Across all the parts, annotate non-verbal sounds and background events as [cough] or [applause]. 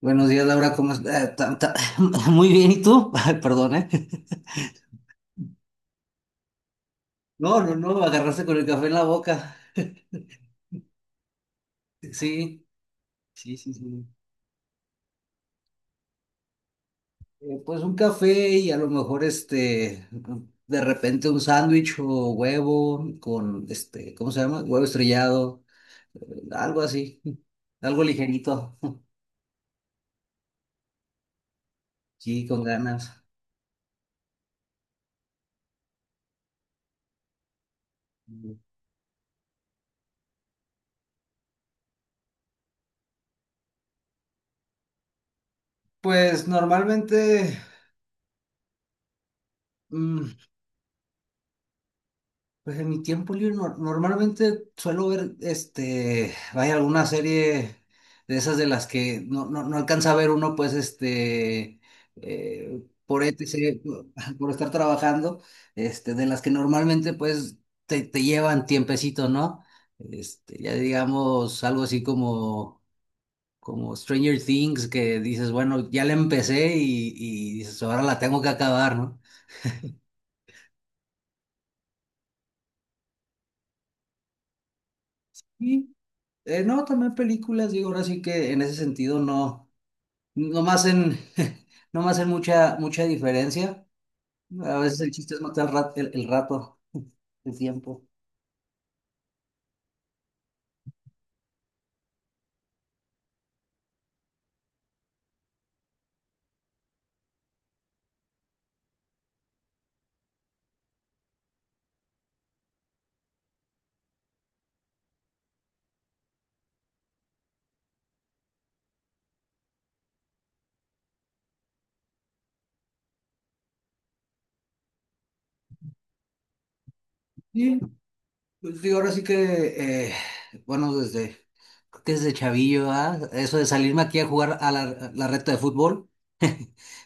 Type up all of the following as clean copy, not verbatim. Buenos días, Laura, ¿cómo estás? [laughs] Muy bien, ¿y tú? [laughs] Ay, perdón, ¿eh? [laughs] No, no, no, agarraste con el café en la boca. [laughs] Sí, sí, sí, sí. Pues un café y a lo mejor de repente un sándwich o huevo con, ¿cómo se llama? Huevo estrellado, eh, algo así, [laughs] algo ligerito, sí, con ganas. Pues normalmente, mm, pues en mi tiempo libre normalmente suelo ver, vaya, alguna serie de esas de las que no alcanza a ver uno, pues, por ETC, por [laughs] por estar trabajando, de las que normalmente, pues, te llevan tiempecito, ¿no? Ya digamos, algo así como, como Stranger Things, que dices, bueno, ya la empecé y dices, ahora la tengo que acabar, ¿no? No, también películas, digo, ahora sí que en ese sentido no me hacen, [laughs] no me hacen mucha diferencia. A veces el chiste es matar el rato, el tiempo. Sí, pues digo, ahora sí que, bueno, creo que desde chavillo, ¿ah? Eso de salirme aquí a jugar a a la reta de fútbol,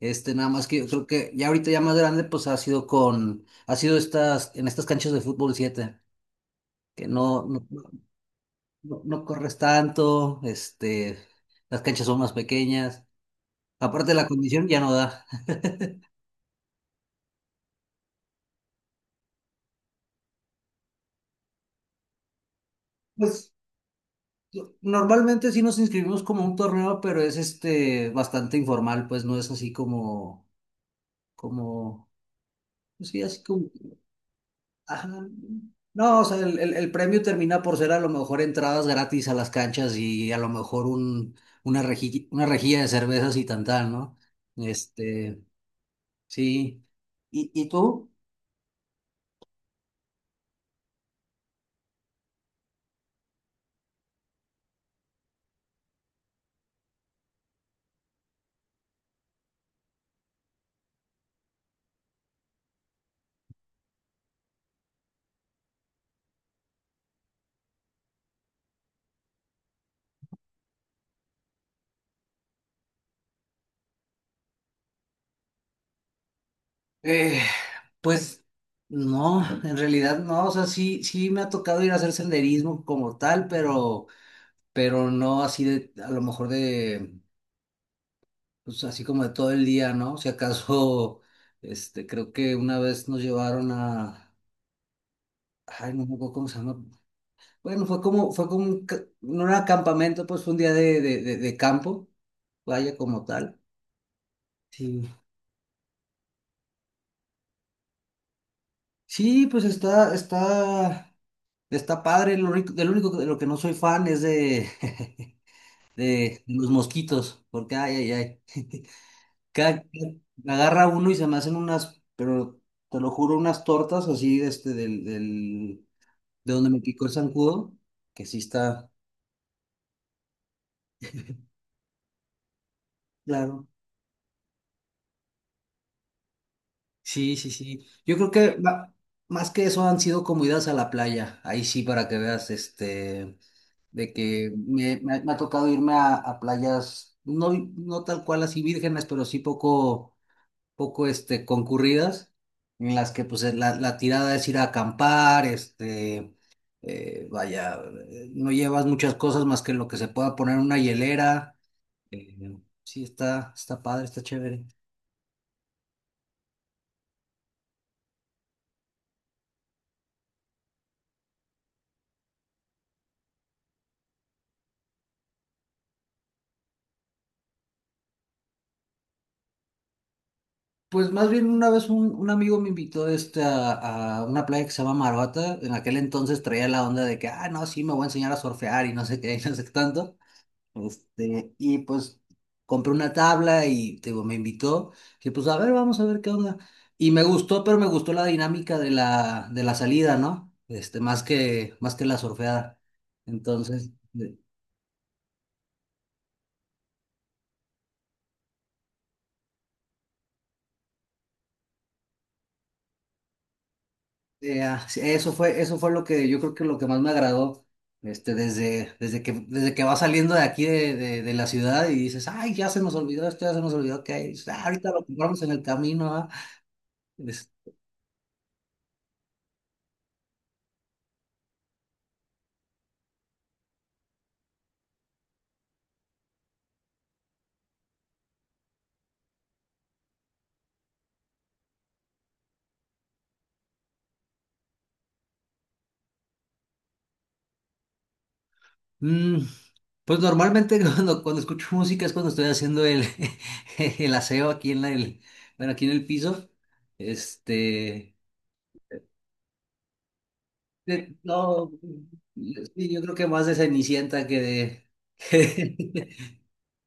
nada más que yo creo que ya ahorita ya más grande, pues ha sido ha sido en estas canchas de fútbol 7 que no corres tanto, las canchas son más pequeñas. Aparte la condición ya no da. [laughs] Pues normalmente sí nos inscribimos como un torneo, pero es este bastante informal, pues no es así como, pues, sí, así como, ajá. No, o sea, el premio termina por ser a lo mejor entradas gratis a las canchas y a lo mejor una rejilla de cervezas y tantán, ¿no? Este, sí. ¿Y tú? Eh, pues no, en realidad no, o sea, sí, sí me ha tocado ir a hacer senderismo como tal, pero no así de, a lo mejor de, pues así como de todo el día, ¿no? Si acaso, [laughs] creo que una vez nos llevaron a, ay, no me acuerdo cómo se llama, bueno, fue como no era campamento, pues fue un día de campo, vaya como tal. Sí, sí, pues está, está. Está padre, del único de lo que no soy fan es de, [laughs] de los mosquitos, porque ay, ay, ay. [laughs] Cada- Me agarra uno y se me hacen unas, pero te lo juro, unas tortas así de de donde me picó el zancudo, que sí está, claro. Sí, sí, sí. Yo creo que más que eso han sido como idas a la playa. Ahí sí, para que veas, de que me ha tocado irme a playas, no tal cual así vírgenes, pero sí poco concurridas, en las que pues la tirada es ir a acampar, eh, vaya, no llevas muchas cosas más que lo que se pueda poner en una hielera. eh, sí, está, está padre, está chévere. Pues más bien una vez un amigo me invitó a una playa que se llama Maruata. En aquel entonces traía la onda de que, ah, no, sí, me voy a enseñar a surfear y no sé qué, [laughs] y no sé qué tanto. Y pues compré una tabla y te digo, me invitó, que pues a ver, vamos a ver qué onda. Y me gustó, pero me gustó la dinámica de de la salida, ¿no? Más más que la surfeada. Entonces, ah, sí, eso fue lo que yo creo que lo que más me agradó. Desde que vas saliendo de aquí de la ciudad y dices, ay, ya se nos olvidó esto, ya se nos olvidó que hay, ah, ahorita lo compramos en el camino, ah". Es- mm. Pues normalmente [laughs] cuando escucho música es cuando estoy haciendo [laughs] el aseo aquí en bueno, aquí en el piso. Este, no, sí, yo creo que más de Cenicienta que de, [laughs]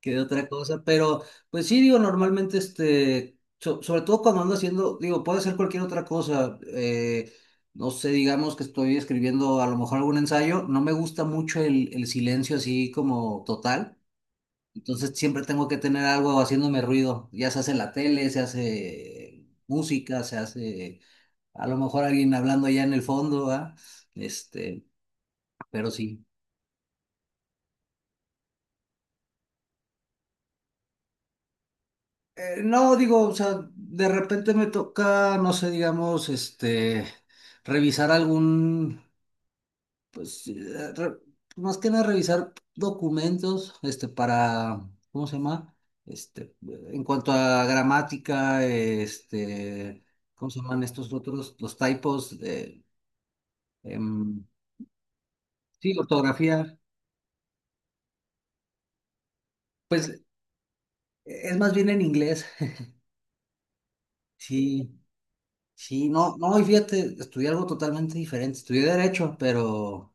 que, de otra cosa, pero pues sí, digo, normalmente sobre todo cuando ando haciendo, digo, puede ser cualquier otra cosa. No sé, digamos que estoy escribiendo a lo mejor algún ensayo, no me gusta mucho el silencio así como total. Entonces siempre tengo que tener algo haciéndome ruido. Ya se hace la tele, se hace música, se hace a lo mejor alguien hablando allá en el fondo, ¿ah? Este, pero sí. No, digo, o sea, de repente me toca, no sé, digamos, revisar Pues eh, re- más que nada revisar documentos, para, ¿cómo se llama? En cuanto a gramática, ¿cómo se llaman estos otros? Los typos, em, sí, ortografía. Pues es más bien en inglés. Sí, sí, no, no, y fíjate, estudié algo totalmente diferente. Estudié derecho, pero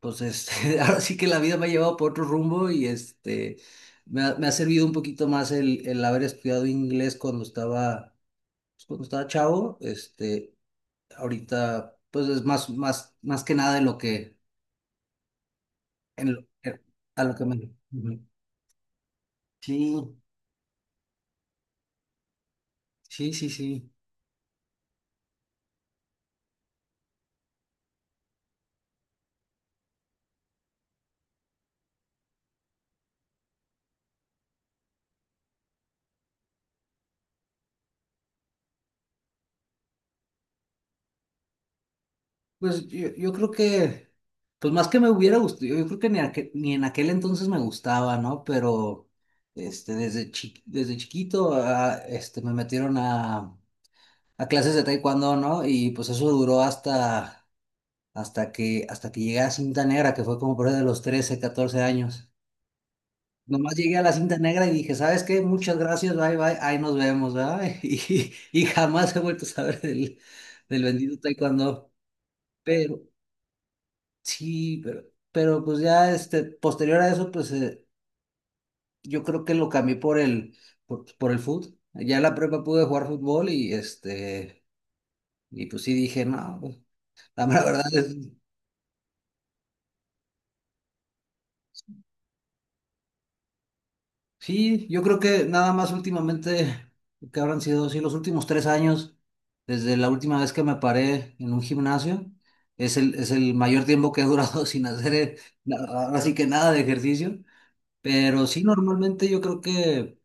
pues [laughs] ahora sí que la vida me ha llevado por otro rumbo y me ha servido un poquito más el haber estudiado inglés cuando estaba, pues, cuando estaba chavo, ahorita, pues es más, más que nada en lo que, en lo- en- a lo que me... Ujú. Sí, sí, sí, sí. Pues yo creo que, pues más que me hubiera gustado, yo creo que ni en aquel entonces me gustaba, ¿no? Pero, desde desde chiquito, ah, me metieron a clases de taekwondo, ¿no? Y pues eso duró hasta, hasta que llegué a cinta negra, que fue como por ahí de los 13 14 años. Nomás llegué a la cinta negra y dije, ¿sabes qué? Muchas gracias, bye, bye, ahí nos vemos, ¿verdad? [laughs] Y jamás he vuelto a saber del bendito taekwondo. Pero, sí, pero pues ya, posterior a eso, pues yo creo que lo cambié por por el fútbol. Ya en la prepa pude jugar fútbol y pues sí dije, no, pues, la mera verdad es, Sí, yo creo que nada más últimamente, que habrán sido, sí, los últimos 3 años, desde la última vez que me paré en un gimnasio, es es el mayor tiempo que he durado [laughs] sin hacer, ahora sí que nada de ejercicio, pero sí, normalmente yo creo que,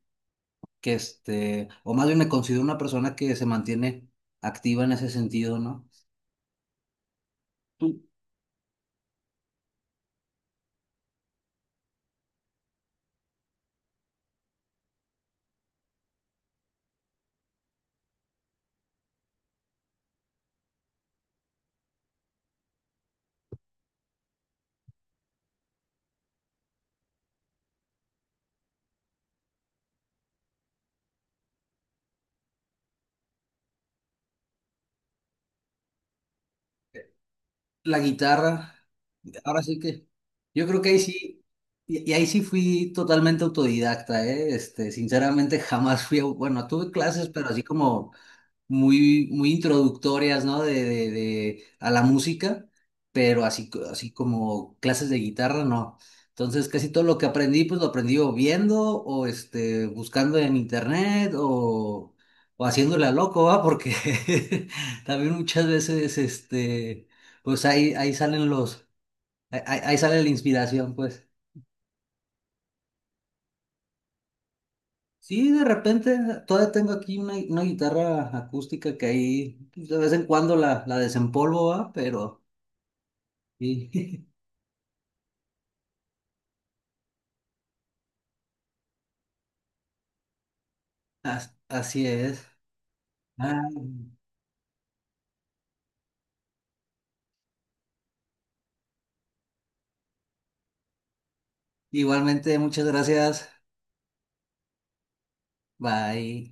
o más bien me considero una persona que se mantiene activa en ese sentido, ¿no? Tú, la guitarra. Ahora sí que yo creo que ahí sí, y ahí sí fui totalmente autodidacta, ¿eh? Sinceramente jamás fui, bueno, tuve clases, pero así como muy, muy introductorias, ¿no? A la música, pero así, así como clases de guitarra, no. Entonces, casi todo lo que aprendí, pues lo aprendí o viendo o buscando en internet o, haciéndole a loco, ¿va? Porque [laughs] también muchas veces, pues ahí, ahí salen ahí sale la inspiración, pues. Sí, de repente todavía tengo aquí una guitarra acústica que ahí pues, de vez en cuando la desempolvo, ¿va? Pero sí, [laughs] así es. Ah, igualmente, muchas gracias. Bye.